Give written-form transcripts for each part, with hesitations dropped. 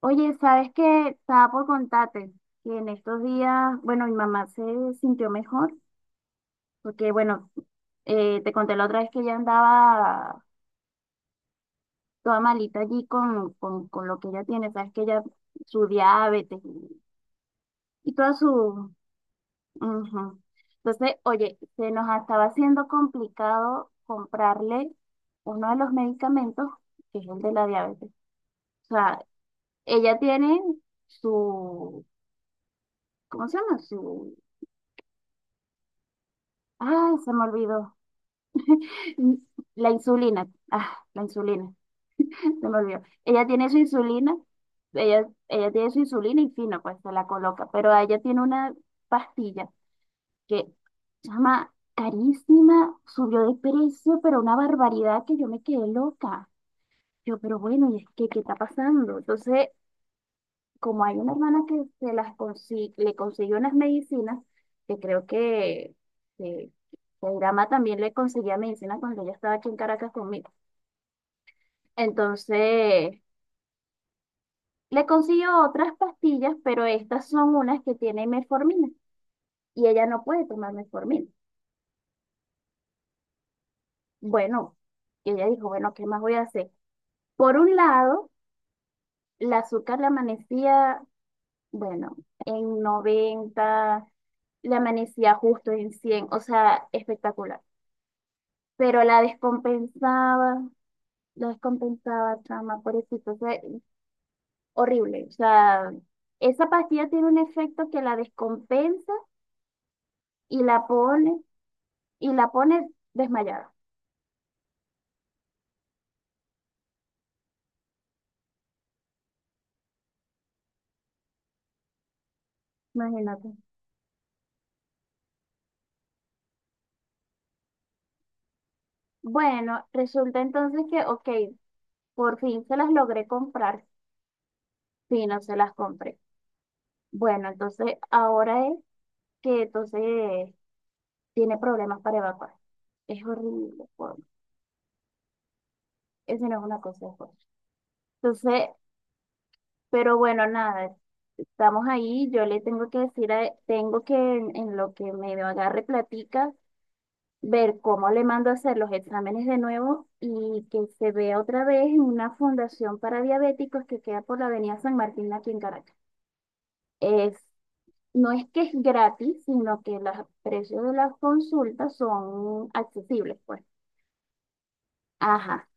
Oye, ¿sabes qué? Estaba por contarte que en estos días, bueno, mi mamá se sintió mejor, porque bueno, te conté la otra vez que ella andaba toda malita allí con lo que ella tiene, sabes que ella, su diabetes y toda su... ujú. Entonces, oye, se nos estaba haciendo complicado comprarle uno de los medicamentos, que es el de la diabetes. O sea, ella tiene su... ¿Cómo se llama? Ay, se me olvidó. La insulina. Ah, la insulina. Se me olvidó. Ella tiene su insulina. Ella tiene su insulina y fino, pues se la coloca. Pero ella tiene una pastilla que se llama carísima, subió de precio, pero una barbaridad que yo me quedé loca. Yo, pero bueno, ¿y es que qué está pasando? Entonces como hay una hermana que le consiguió unas medicinas, que creo que, que Irama también le conseguía medicina cuando ella estaba aquí en Caracas conmigo. Entonces, le consiguió otras pastillas, pero estas son unas que tienen metformina y ella no puede tomar metformina. Bueno, y ella dijo, bueno, ¿qué más voy a hacer? Por un lado, el azúcar le amanecía, bueno, en 90, le amanecía justo en 100, o sea, espectacular. Pero la descompensaba, chama, pobrecito, o sea, horrible. O sea, esa pastilla tiene un efecto que la descompensa y la pone, y la pone desmayada, imagínate. Bueno, resulta entonces que, ok, por fin se las logré comprar, sí, no se las compré. Bueno, entonces ahora es que entonces tiene problemas para evacuar. Es horrible, eso no es una cosa, es otra. Entonces, pero bueno, nada, estamos ahí, yo le tengo que decir, tengo que en lo que me agarre platica, ver cómo le mando a hacer los exámenes de nuevo y que se vea otra vez en una fundación para diabéticos que queda por la Avenida San Martín aquí en Caracas. Es, no es que es gratis, sino que los precios de las consultas son accesibles, pues. Ajá.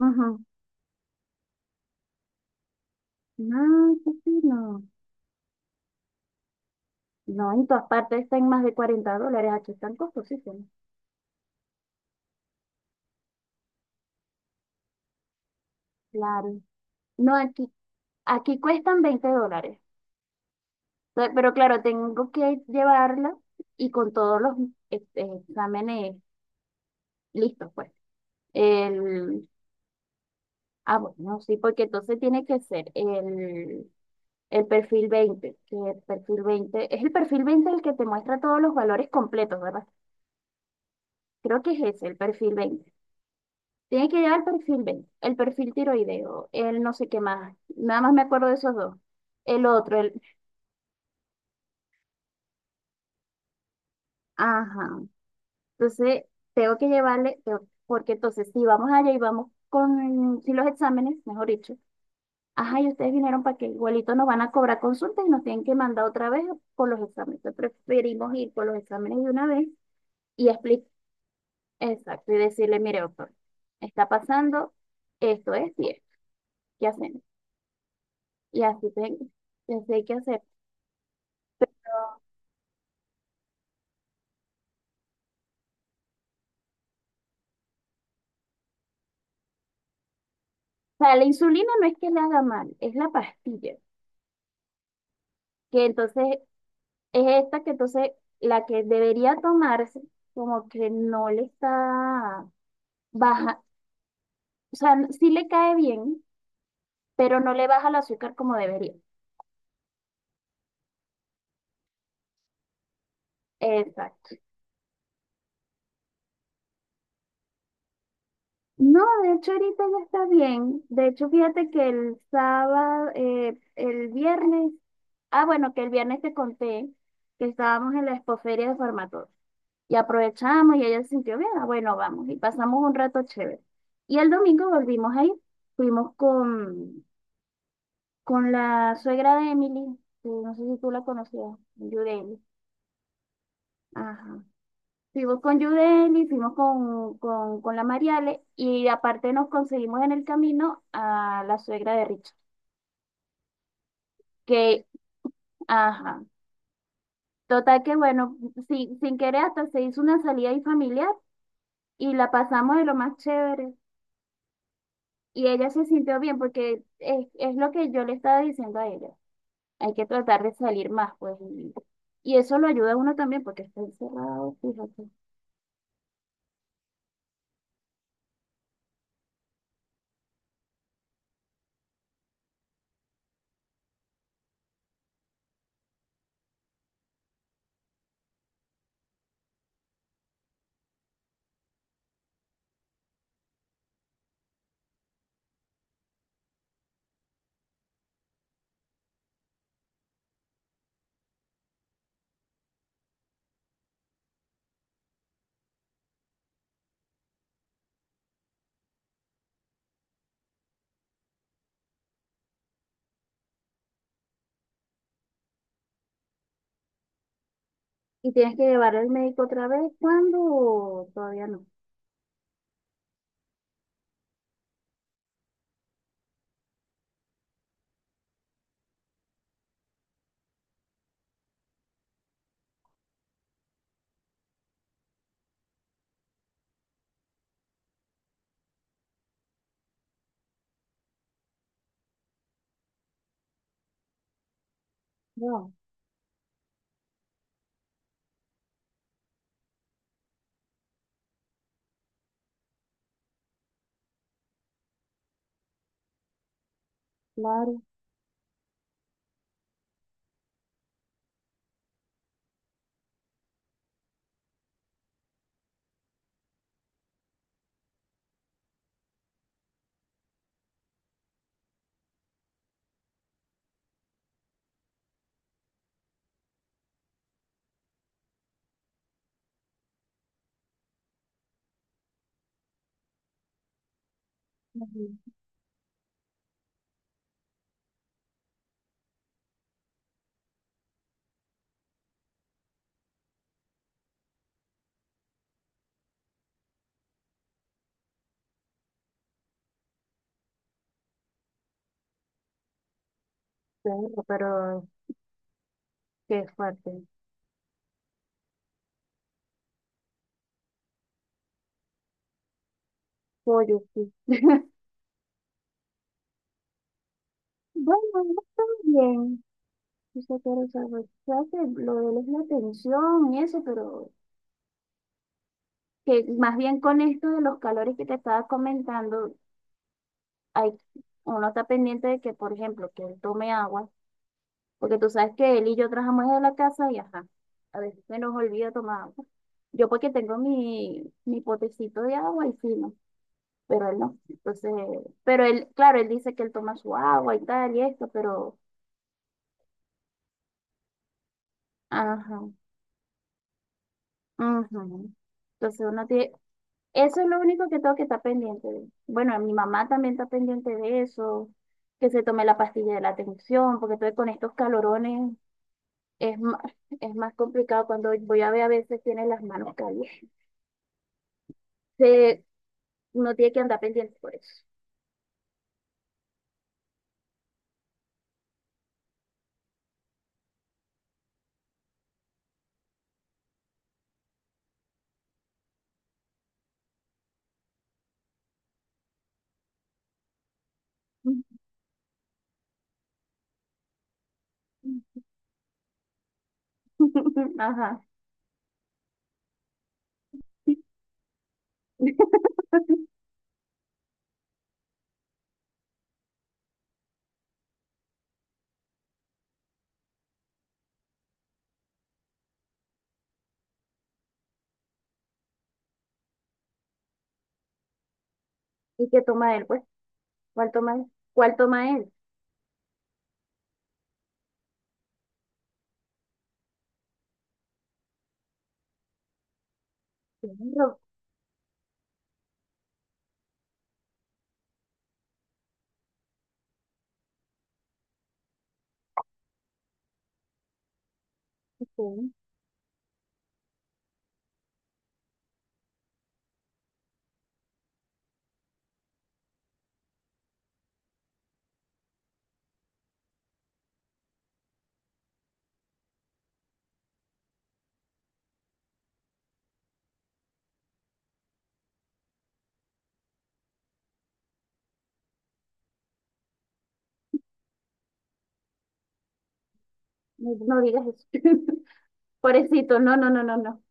Ujú. No, sí, sí, no. No, en todas partes están más de $40, aquí están costosísimos. Claro. No, aquí aquí cuestan $20. Entonces, pero claro, tengo que llevarla y con todos los exámenes listos, pues. El, ah, bueno, sí, porque entonces tiene que ser el perfil 20, que el perfil 20 es el perfil 20 el que te muestra todos los valores completos, ¿verdad? Creo que es ese, el perfil 20. Tiene que llevar el perfil 20, el perfil tiroideo, el no sé qué más, nada más me acuerdo de esos dos. El otro, el, ajá. Entonces, tengo que llevarle, porque entonces, si vamos allá y vamos con, si los exámenes, mejor dicho, ajá, y ustedes vinieron para que igualito nos van a cobrar consultas y nos tienen que mandar otra vez por los exámenes. Entonces, preferimos ir por los exámenes de una vez y explicar, exacto, y decirle, mire, doctor, está pasando esto, es y esto, ¿qué hacemos? Y así, y así hay que hacer. O sea, la insulina no es que la haga mal, es la pastilla, que entonces es esta que entonces la que debería tomarse, como que no le está baja, o sea, sí le cae bien, pero no le baja el azúcar como debería. Exacto. No, de hecho ahorita ya está bien. De hecho, fíjate que el sábado, el viernes, ah, bueno, que el viernes te conté que estábamos en la expoferia de Formator y aprovechamos y ella se sintió bien, ah, bueno, vamos, y pasamos un rato chévere. Y el domingo volvimos ahí, fuimos con la suegra de Emily, que no sé si tú la conocías, Yudeli. Ajá. Fuimos con Yudeli, fuimos con la Mariale y aparte nos conseguimos en el camino a la suegra de Richard. Que, ajá. Total que bueno, sin querer hasta se hizo una salida ahí familiar y la pasamos de lo más chévere. Y ella se sintió bien porque es lo que yo le estaba diciendo a ella. Hay que tratar de salir más, pues. Y eso lo ayuda a uno también porque está encerrado, fíjate. ¿Y tienes que llevar al médico otra vez? ¿Cuándo? O todavía no. No, claro. Ujú, claro, pero qué fuerte. Pollo, sí. Bueno, no está bien. Yo sé que lo sabes. Claro que lo de él es la tensión y eso, pero que más bien con esto de los calores que te estaba comentando, hay, uno está pendiente de que, por ejemplo, que él tome agua. Porque tú sabes que él y yo trabajamos en la casa y ajá, a veces se nos olvida tomar agua. Yo porque tengo mi potecito de agua y fino, pero él no. Entonces, pero él, claro, él dice que él toma su agua y tal y esto, pero ajá, ajá. Entonces uno tiene, eso es lo único que tengo que estar pendiente de. Bueno, mi mamá también está pendiente de eso, que se tome la pastilla de la tensión, porque estoy con estos calorones, es más, es más complicado cuando voy a ver a veces tiene las manos calientes. Se, uno tiene que andar pendiente por eso. Ajá. ¿Y qué toma él, pues? ¿Cuál toma él? ¿Cuál toma él? Claro, ok. No, no digas eso. Pobrecito, no, no, no, no, no.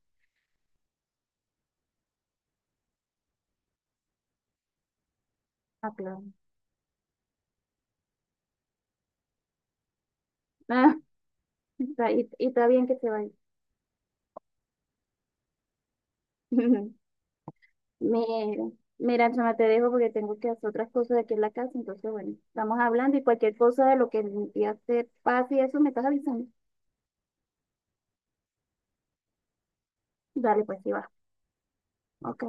Ah, claro. Ah, y está bien que se vaya. Mira, mira, chama, te dejo porque tengo que hacer otras cosas aquí en la casa. Entonces, bueno, estamos hablando y cualquier cosa de lo que mi tía te pase y eso me estás avisando. Dale, pues, sí va. Ok.